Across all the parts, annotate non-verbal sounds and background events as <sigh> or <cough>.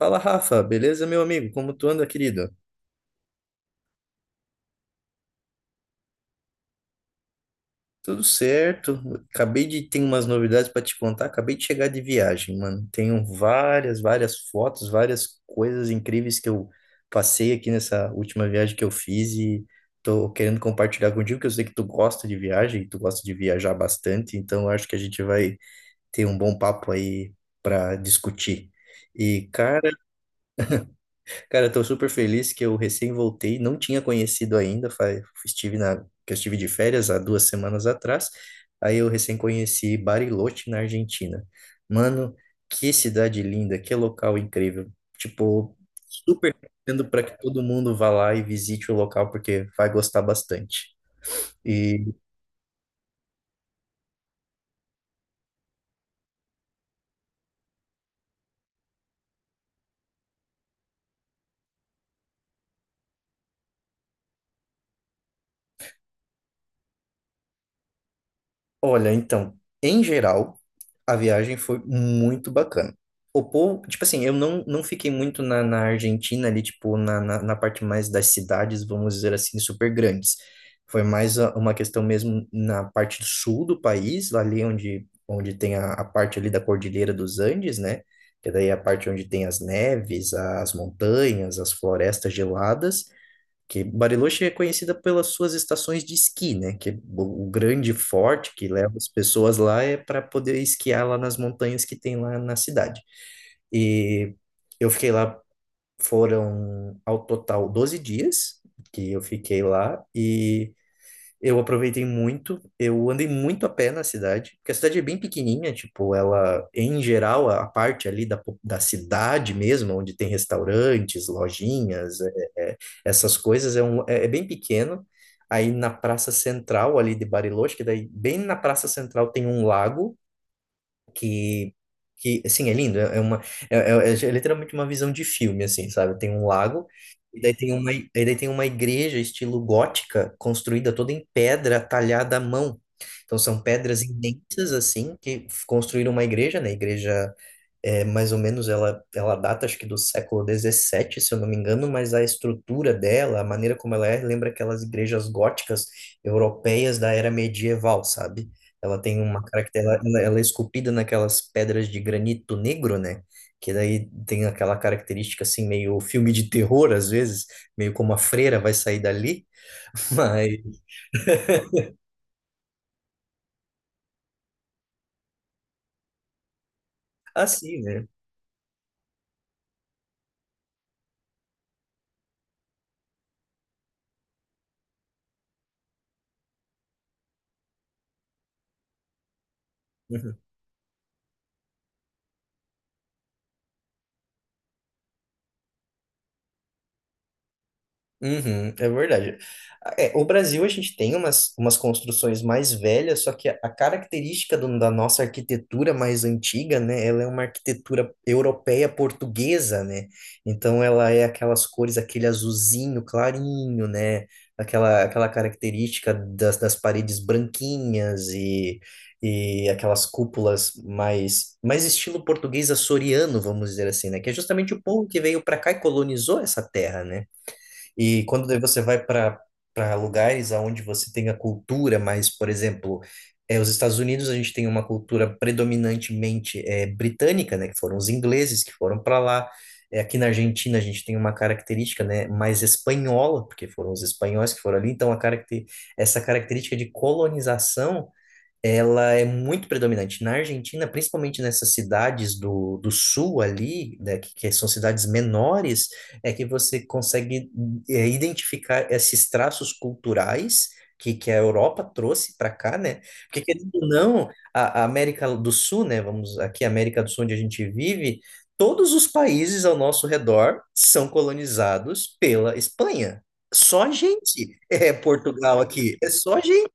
Fala, Rafa, beleza, meu amigo? Como tu anda, querido? Tudo certo. Acabei de ter umas novidades pra te contar. Acabei de chegar de viagem, mano. Tenho várias fotos, várias coisas incríveis que eu passei aqui nessa última viagem que eu fiz e tô querendo compartilhar contigo, que eu sei que tu gosta de viagem, tu gosta de viajar bastante, então eu acho que a gente vai ter um bom papo aí pra discutir. E, cara, Cara, eu tô super feliz que eu recém voltei, não tinha conhecido ainda, que eu estive de férias há 2 semanas atrás, aí eu recém conheci Bariloche, na Argentina. Mano, que cidade linda, que local incrível. Tipo, super recomendo para que todo mundo vá lá e visite o local, porque vai gostar bastante. Olha, então, em geral, a viagem foi muito bacana. O povo, tipo assim, eu não fiquei muito na Argentina ali, tipo, na parte mais das cidades, vamos dizer assim, super grandes. Foi mais uma questão mesmo na parte do sul do país, ali onde tem a parte ali da Cordilheira dos Andes, né? Que daí é a parte onde tem as neves, as montanhas, as florestas geladas que Bariloche é conhecida pelas suas estações de esqui, né? Que é o grande forte que leva as pessoas lá é para poder esquiar lá nas montanhas que tem lá na cidade. E eu fiquei lá, foram ao total 12 dias que eu fiquei lá e eu aproveitei muito, eu andei muito a pé na cidade, porque a cidade é bem pequenininha, tipo, ela, em geral, a parte ali da cidade mesmo, onde tem restaurantes, lojinhas, é, é, essas coisas, é bem pequeno. Aí na Praça Central ali de Bariloche, que daí bem na Praça Central tem um lago, que que assim é lindo, é é uma é, é- é é literalmente uma visão de filme, assim, sabe? Tem um lago, e daí tem uma igreja estilo gótica construída toda em pedra talhada à mão. Então são pedras imensas assim que construíram uma igreja, né? Igreja, é, mais ou menos ela, ela data, acho que do século XVII, se eu não me engano, mas a estrutura dela, a maneira como ela é, lembra aquelas igrejas góticas europeias da era medieval, sabe? Ela tem uma característica, ela é esculpida naquelas pedras de granito negro, né? Que daí tem aquela característica assim, meio filme de terror, às vezes, meio como a freira vai sair dali, <laughs> mas assim, né? Uhum. Uhum, é verdade. Ah, é, o Brasil, a gente tem umas construções mais velhas, só que a característica da nossa arquitetura mais antiga, né, ela é uma arquitetura europeia portuguesa, né? Então ela é aquelas cores, aquele azulzinho clarinho, né? Aquela característica das paredes branquinhas e aquelas cúpulas mais estilo português açoriano, vamos dizer assim, né? Que é justamente o povo que veio para cá e colonizou essa terra, né? E quando daí você vai para lugares aonde você tem a cultura, mas, por exemplo, é, os Estados Unidos, a gente tem uma cultura predominantemente é, britânica, né, que foram os ingleses que foram para lá. É, aqui na Argentina, a gente tem uma característica, né, mais espanhola, porque foram os espanhóis que foram ali. Então, a caracter essa característica de colonização, ela é muito predominante. Na Argentina, principalmente nessas cidades do sul ali, né, que são cidades menores, é que você consegue é, identificar esses traços culturais que a Europa trouxe para cá, né? Porque, querendo ou não, a América do Sul, né? Vamos aqui, a América do Sul, onde a gente vive, todos os países ao nosso redor são colonizados pela Espanha. Só a gente é Portugal aqui, é só a gente.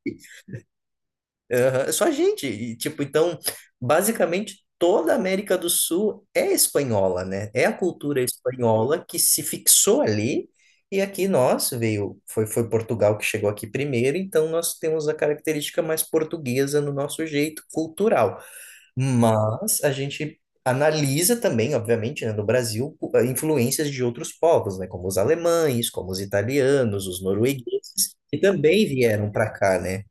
Aham, é só a gente. E, tipo, então, basicamente, toda a América do Sul é espanhola, né? É a cultura espanhola que se fixou ali. E aqui nós veio, foi Portugal que chegou aqui primeiro, então nós temos a característica mais portuguesa no nosso jeito cultural. Mas a gente analisa também, obviamente, né, no Brasil, influências de outros povos, né? Como os alemães, como os italianos, os noruegueses, que também vieram para cá, né?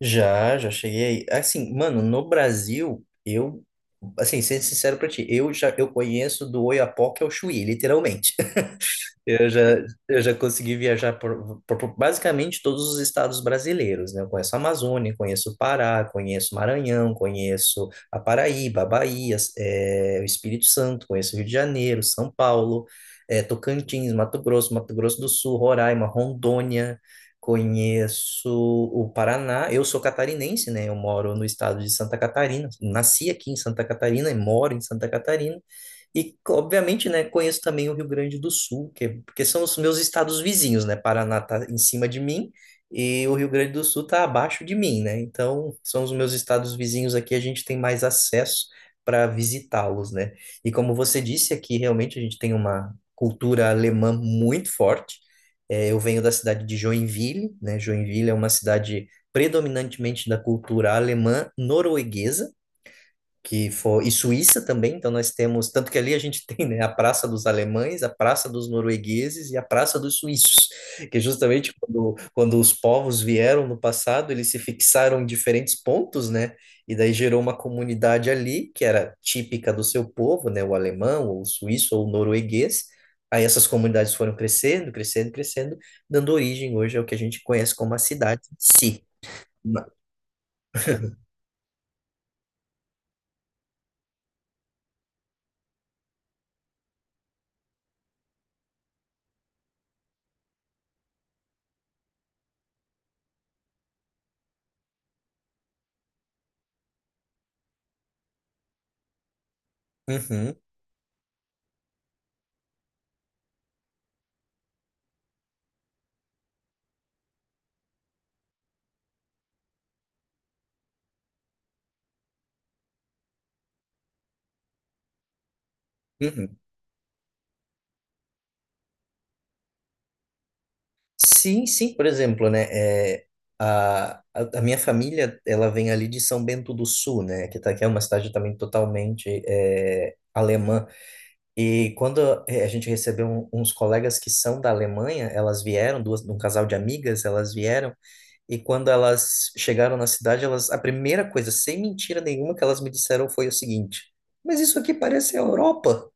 Já, já cheguei aí. Assim, mano, no Brasil, eu, assim, sendo sincero pra ti, eu conheço do Oiapoque ao Chuí, literalmente. Eu já, eu já consegui viajar por basicamente todos os estados brasileiros, né? Eu conheço a Amazônia, conheço o Pará, conheço o Maranhão, conheço a Paraíba, a Bahia, o Espírito Santo, conheço o Rio de Janeiro, São Paulo, Tocantins, Mato Grosso, Mato Grosso do Sul, Roraima, Rondônia, conheço o Paraná. Eu sou catarinense, né? Eu moro no estado de Santa Catarina, nasci aqui em Santa Catarina e moro em Santa Catarina. E, obviamente, né, conheço também o Rio Grande do Sul, que, porque são os meus estados vizinhos, né? Paraná tá em cima de mim e o Rio Grande do Sul tá abaixo de mim, né? Então, são os meus estados vizinhos aqui, a gente tem mais acesso para visitá-los, né? E como você disse aqui, realmente a gente tem uma cultura alemã muito forte. É, eu venho da cidade de Joinville, né? Joinville é uma cidade predominantemente da cultura alemã norueguesa, que foi e Suíça também, então nós temos, tanto que ali a gente <laughs> tem, né, a Praça dos Alemães, a Praça dos Noruegueses e a Praça dos Suíços, que é justamente quando os povos vieram no passado, eles se fixaram em diferentes pontos, né, e daí gerou uma comunidade ali que era típica do seu povo, né, o alemão, ou o suíço, ou o norueguês, aí essas comunidades foram crescendo, dando origem hoje ao que a gente conhece como a cidade em si. Uhum, uhum. Sim, sim, por exemplo, né, é, a minha família, ela vem ali de São Bento do Sul, né, que é uma cidade também totalmente é, alemã, e quando é, a gente recebeu uns colegas que são da Alemanha, elas vieram, duas, um casal de amigas, elas vieram, e quando elas chegaram na cidade, elas, a primeira coisa, sem mentira nenhuma, que elas me disseram foi o seguinte, mas isso aqui parece a Europa.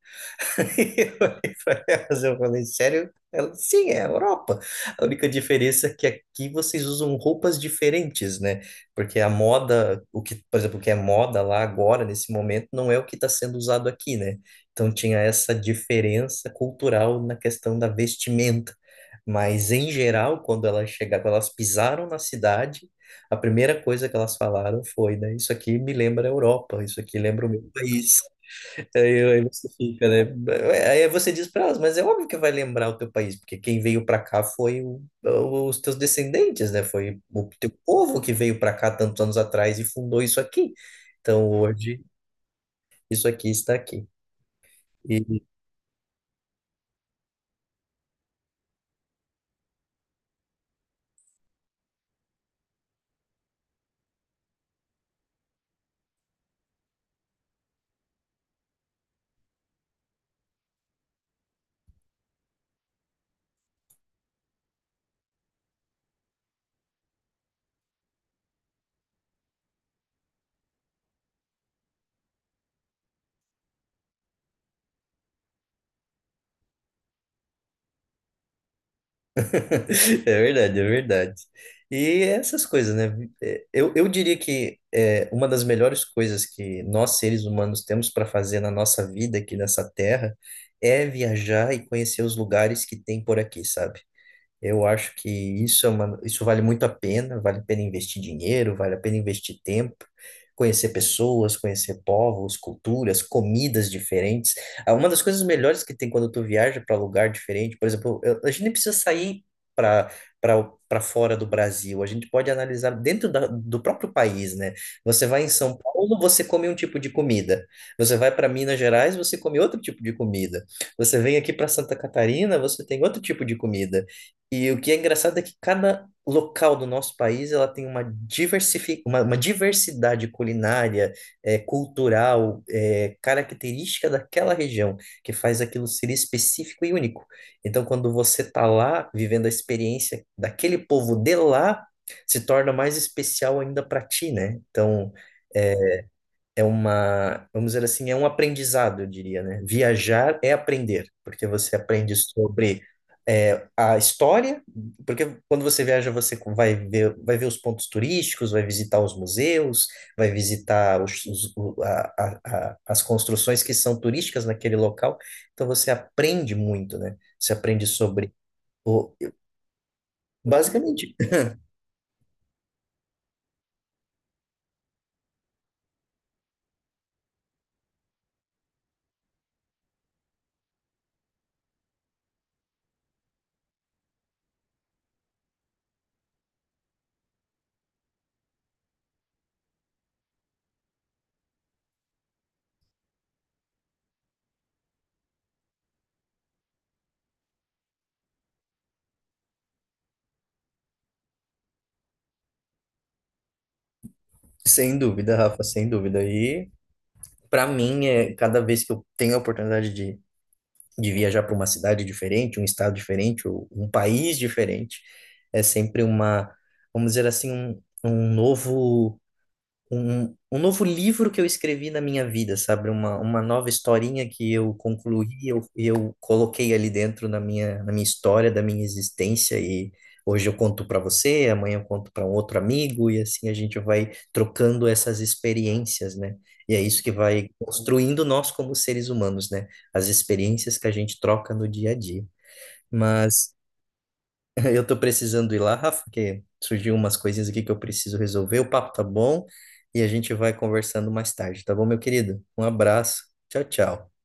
<laughs> Eu olhei pra elas, eu falei, sério? Ela, sim, é a Europa. A única diferença é que aqui vocês usam roupas diferentes, né? Porque a moda, o que, por exemplo, o que é moda lá agora, nesse momento, não é o que está sendo usado aqui, né? Então tinha essa diferença cultural na questão da vestimenta. Mas em geral, quando elas chegaram, quando elas pisaram na cidade, a primeira coisa que elas falaram foi, né? Isso aqui me lembra a Europa, isso aqui lembra o meu país. Aí, aí você fica, né? É, aí você diz para elas, mas é óbvio que vai lembrar o teu país, porque quem veio para cá foi os teus descendentes, né? Foi o teu povo que veio para cá tantos anos atrás e fundou isso aqui. Então hoje isso aqui está aqui. E- <laughs> É verdade, é verdade. E essas coisas, né? É, eu diria que é, uma das melhores coisas que nós, seres humanos, temos para fazer na nossa vida aqui nessa terra é viajar e conhecer os lugares que tem por aqui, sabe? Eu acho que isso é uma, isso vale muito a pena, vale a pena investir dinheiro, vale a pena investir tempo, conhecer pessoas, conhecer povos, culturas, comidas diferentes. Ah, uma das coisas melhores que tem quando tu viaja para lugar diferente, por exemplo, a gente nem precisa sair para para fora do Brasil, a gente pode analisar dentro da, do próprio país, né? Você vai em São Paulo, você come um tipo de comida. Você vai para Minas Gerais, você come outro tipo de comida. Você vem aqui para Santa Catarina, você tem outro tipo de comida. E o que é engraçado é que cada local do nosso país ela tem uma, uma diversidade culinária, cultural, característica daquela região, que faz aquilo ser específico e único. Então, quando você está lá vivendo a experiência daquele povo de lá, se torna mais especial ainda para ti, né? Então, é uma, vamos dizer assim, é um aprendizado, eu diria, né? Viajar é aprender, porque você aprende sobre é, a história, porque quando você viaja, você vai ver os pontos turísticos, vai visitar os museus, vai visitar as construções que são turísticas naquele local, então você aprende muito, né? Você aprende sobre o, basicamente, <laughs> sem dúvida, Rafa, sem dúvida. E para mim, é, cada vez que eu tenho a oportunidade de viajar para uma cidade diferente, um estado diferente, ou um país diferente, é sempre uma, vamos dizer assim, um novo livro que eu escrevi na minha vida, sabe? Uma nova historinha que eu concluí, eu coloquei ali dentro na minha história, da minha existência, e hoje eu conto para você, amanhã eu conto para um outro amigo, e assim a gente vai trocando essas experiências, né? E é isso que vai construindo nós como seres humanos, né? As experiências que a gente troca no dia a dia. Mas. <laughs> Eu tô precisando ir lá, Rafa, que surgiu umas coisinhas aqui que eu preciso resolver. O papo tá bom e a gente vai conversando mais tarde, tá bom, meu querido? Um abraço. Tchau, tchau.